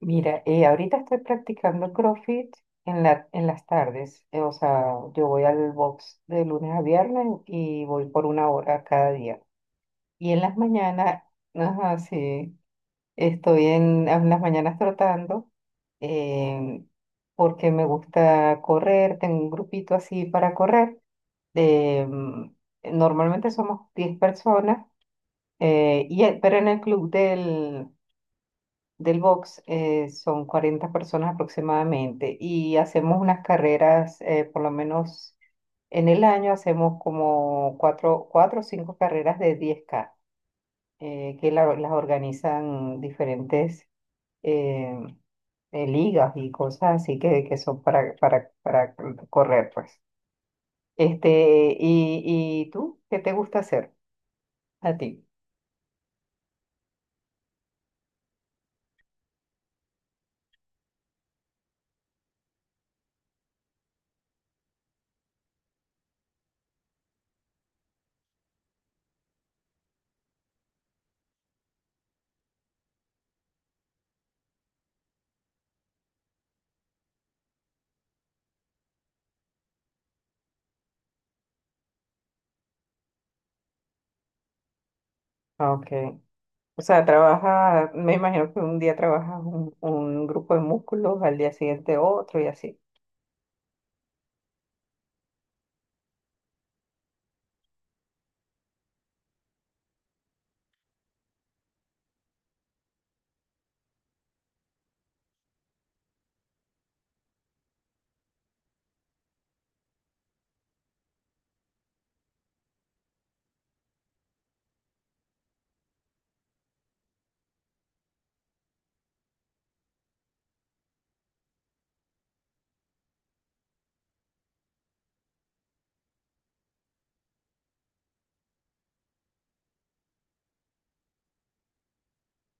Mira, ahorita estoy practicando CrossFit en las tardes. O sea, yo voy al box de lunes a viernes y voy por una hora cada día. Y en las mañanas, ajá, sí, en las mañanas trotando eh, porque me gusta correr. Tengo un grupito así para correr. eh, mm, Normalmente somos 10 personas, pero en el club del box, son 40 personas aproximadamente y hacemos unas carreras, por lo menos en el año hacemos como cuatro o cinco carreras de 10 K, que las organizan diferentes eh, ligas y cosas así que son para correr, pues. Este, y ¿y tú qué te gusta hacer a ti? Ok. O sea, trabaja, me imagino que un día trabajas un grupo de músculos, al día siguiente otro y así.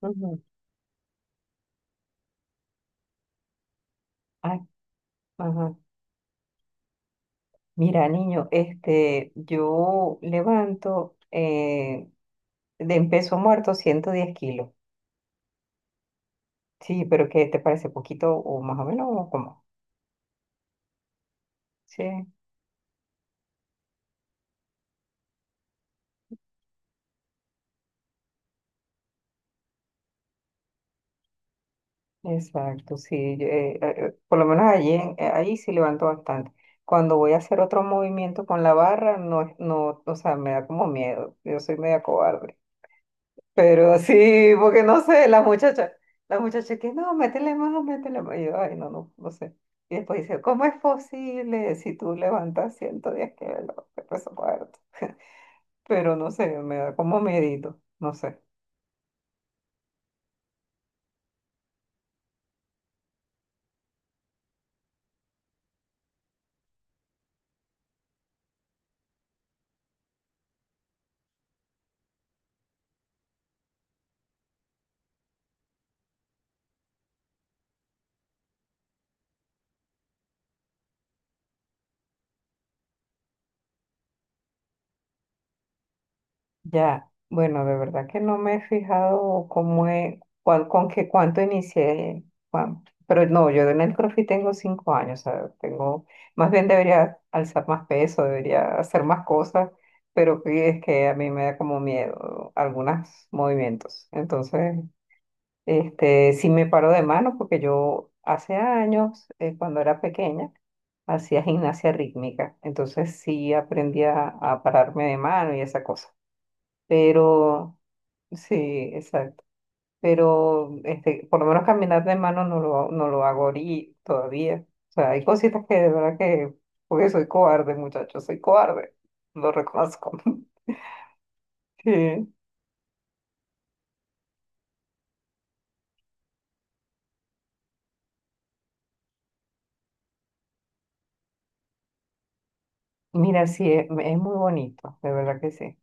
Ujú. Ay, ajá. Mira, niño, este, yo levanto de en peso muerto 110 kilos. Sí, pero ¿qué te parece poquito o más o menos o cómo? Sí, exacto, sí. Yo, por lo menos allí, ahí sí levanto bastante. Cuando voy a hacer otro movimiento con la barra, no, no, o sea, me da como miedo. Yo soy media cobarde. Pero sí, porque no sé, las muchachas que no, métele más, métele más. Y yo, ay, no, no, no sé. Y después dice, ¿cómo es posible si tú levantas 110 kilos de peso muerto? Pero no sé, me da como miedito, no sé. Ya, bueno, de verdad que no me he fijado cómo es, cuál, con qué, cuánto inicié, cuán- pero no, yo en el CrossFit tengo cinco años, o sea, tengo, más bien debería alzar más peso, debería hacer más cosas, pero que es que a mí me da como miedo algunos movimientos. Entonces, este, sí me paro de mano porque yo hace años, cuando era pequeña, hacía gimnasia rítmica, entonces sí aprendí a pararme de mano y esa cosa, pero sí, exacto. Pero este, por lo menos caminar de mano no no lo hago ahorita todavía. O sea, hay cositas que de verdad que, porque soy cobarde, muchachos, soy cobarde, lo reconozco. Sí. Mira, sí, es muy bonito, de verdad que sí.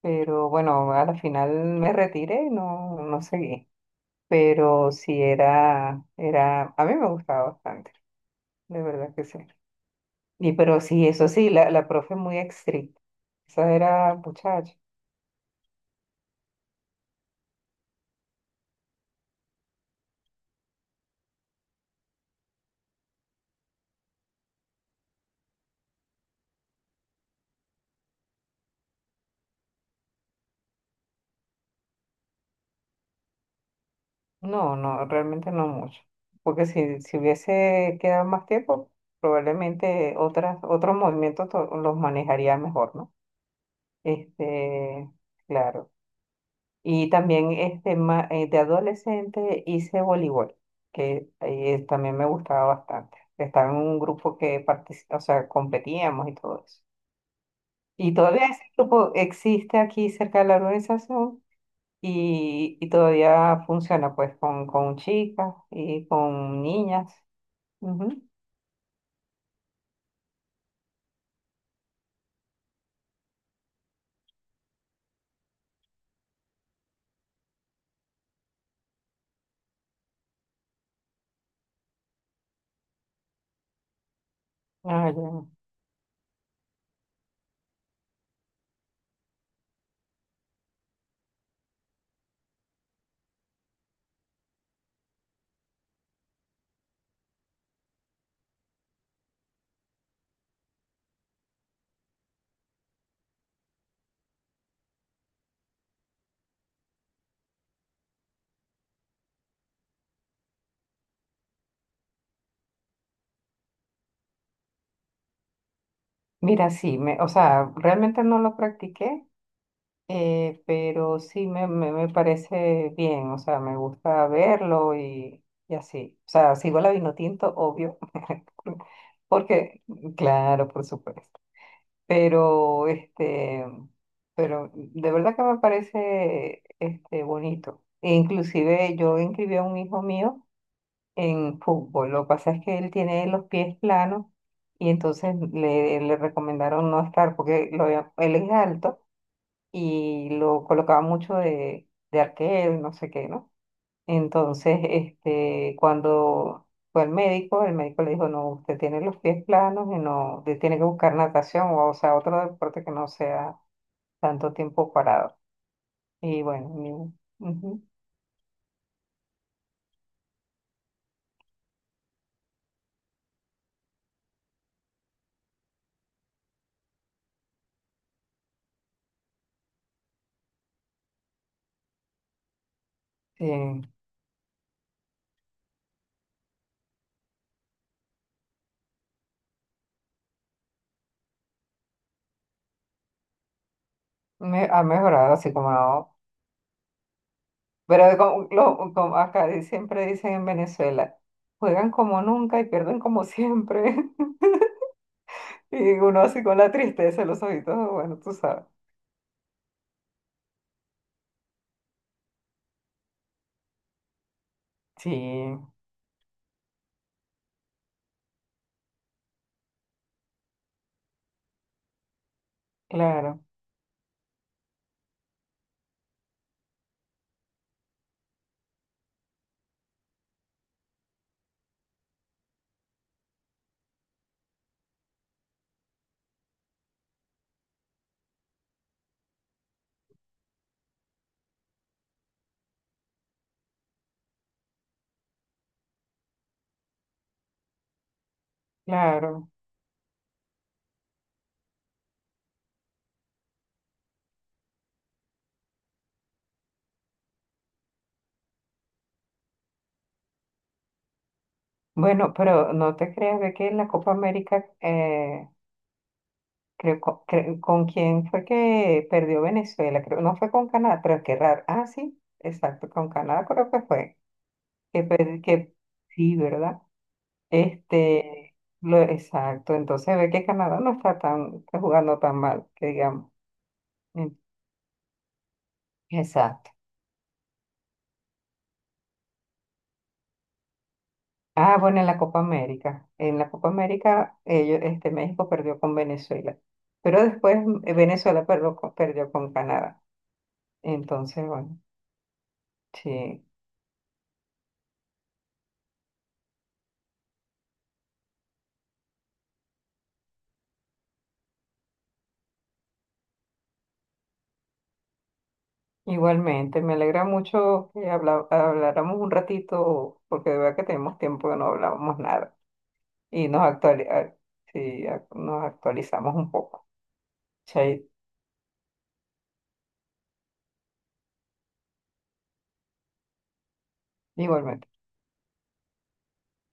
Pero bueno, a la final me retiré y no, no seguí. Pero sí era, a mí me gustaba bastante, de verdad que sí. Y pero sí, eso sí, la profe muy estricta. Esa era muchacha. No, no, realmente no mucho. Porque si hubiese quedado más tiempo, probablemente otras, otros movimientos los manejaría mejor, ¿no? Este, claro. Y también este, de adolescente hice voleibol, que también me gustaba bastante. Estaba en un grupo que participa, o sea, competíamos y todo eso. Y todavía ese grupo existe aquí cerca de la organización y, todavía funciona pues con chicas y con niñas. Ujú. Ah, ya. Mira, sí, me, o sea, realmente no lo practiqué, pero sí me parece bien, o sea, me gusta verlo y así. O sea, sigo la Vinotinto, obvio, porque, claro, por supuesto. Pero este, pero de verdad que me parece este bonito. E inclusive yo inscribí a un hijo mío en fútbol. Lo que pasa es que él tiene los pies planos y entonces le recomendaron no estar porque él es alto y lo colocaba mucho de arquero y no sé qué, ¿no? Entonces, este, cuando fue al médico, el médico le dijo, no, usted tiene los pies planos y no, usted tiene que buscar natación o sea, otro deporte que no sea tanto tiempo parado. Y bueno, ujú, sí, ha mejorado así como no. Pero como acá siempre dicen en Venezuela, juegan como nunca y pierden como siempre. Y uno así con la tristeza en los ojitos, bueno, tú sabes. Sí, claro, claro. Bueno, pero no te creas, ve que en la Copa América, creo, quién fue que perdió Venezuela, creo, no fue con Canadá, pero qué raro. Ah, sí, exacto, con Canadá creo que fue, que sí, ¿verdad? Este, lo, exacto, entonces ve que Canadá no está tan, está jugando tan mal, que digamos. Mm, exacto. Ah, bueno, en la Copa América, en la Copa América, ellos, este, México perdió con Venezuela, pero después Venezuela perdió con Canadá. Entonces, bueno, sí, igualmente, me alegra mucho que habláramos un ratito, porque de verdad que tenemos tiempo que no hablábamos nada y sí, nos actualizamos un poco. Sí, igualmente.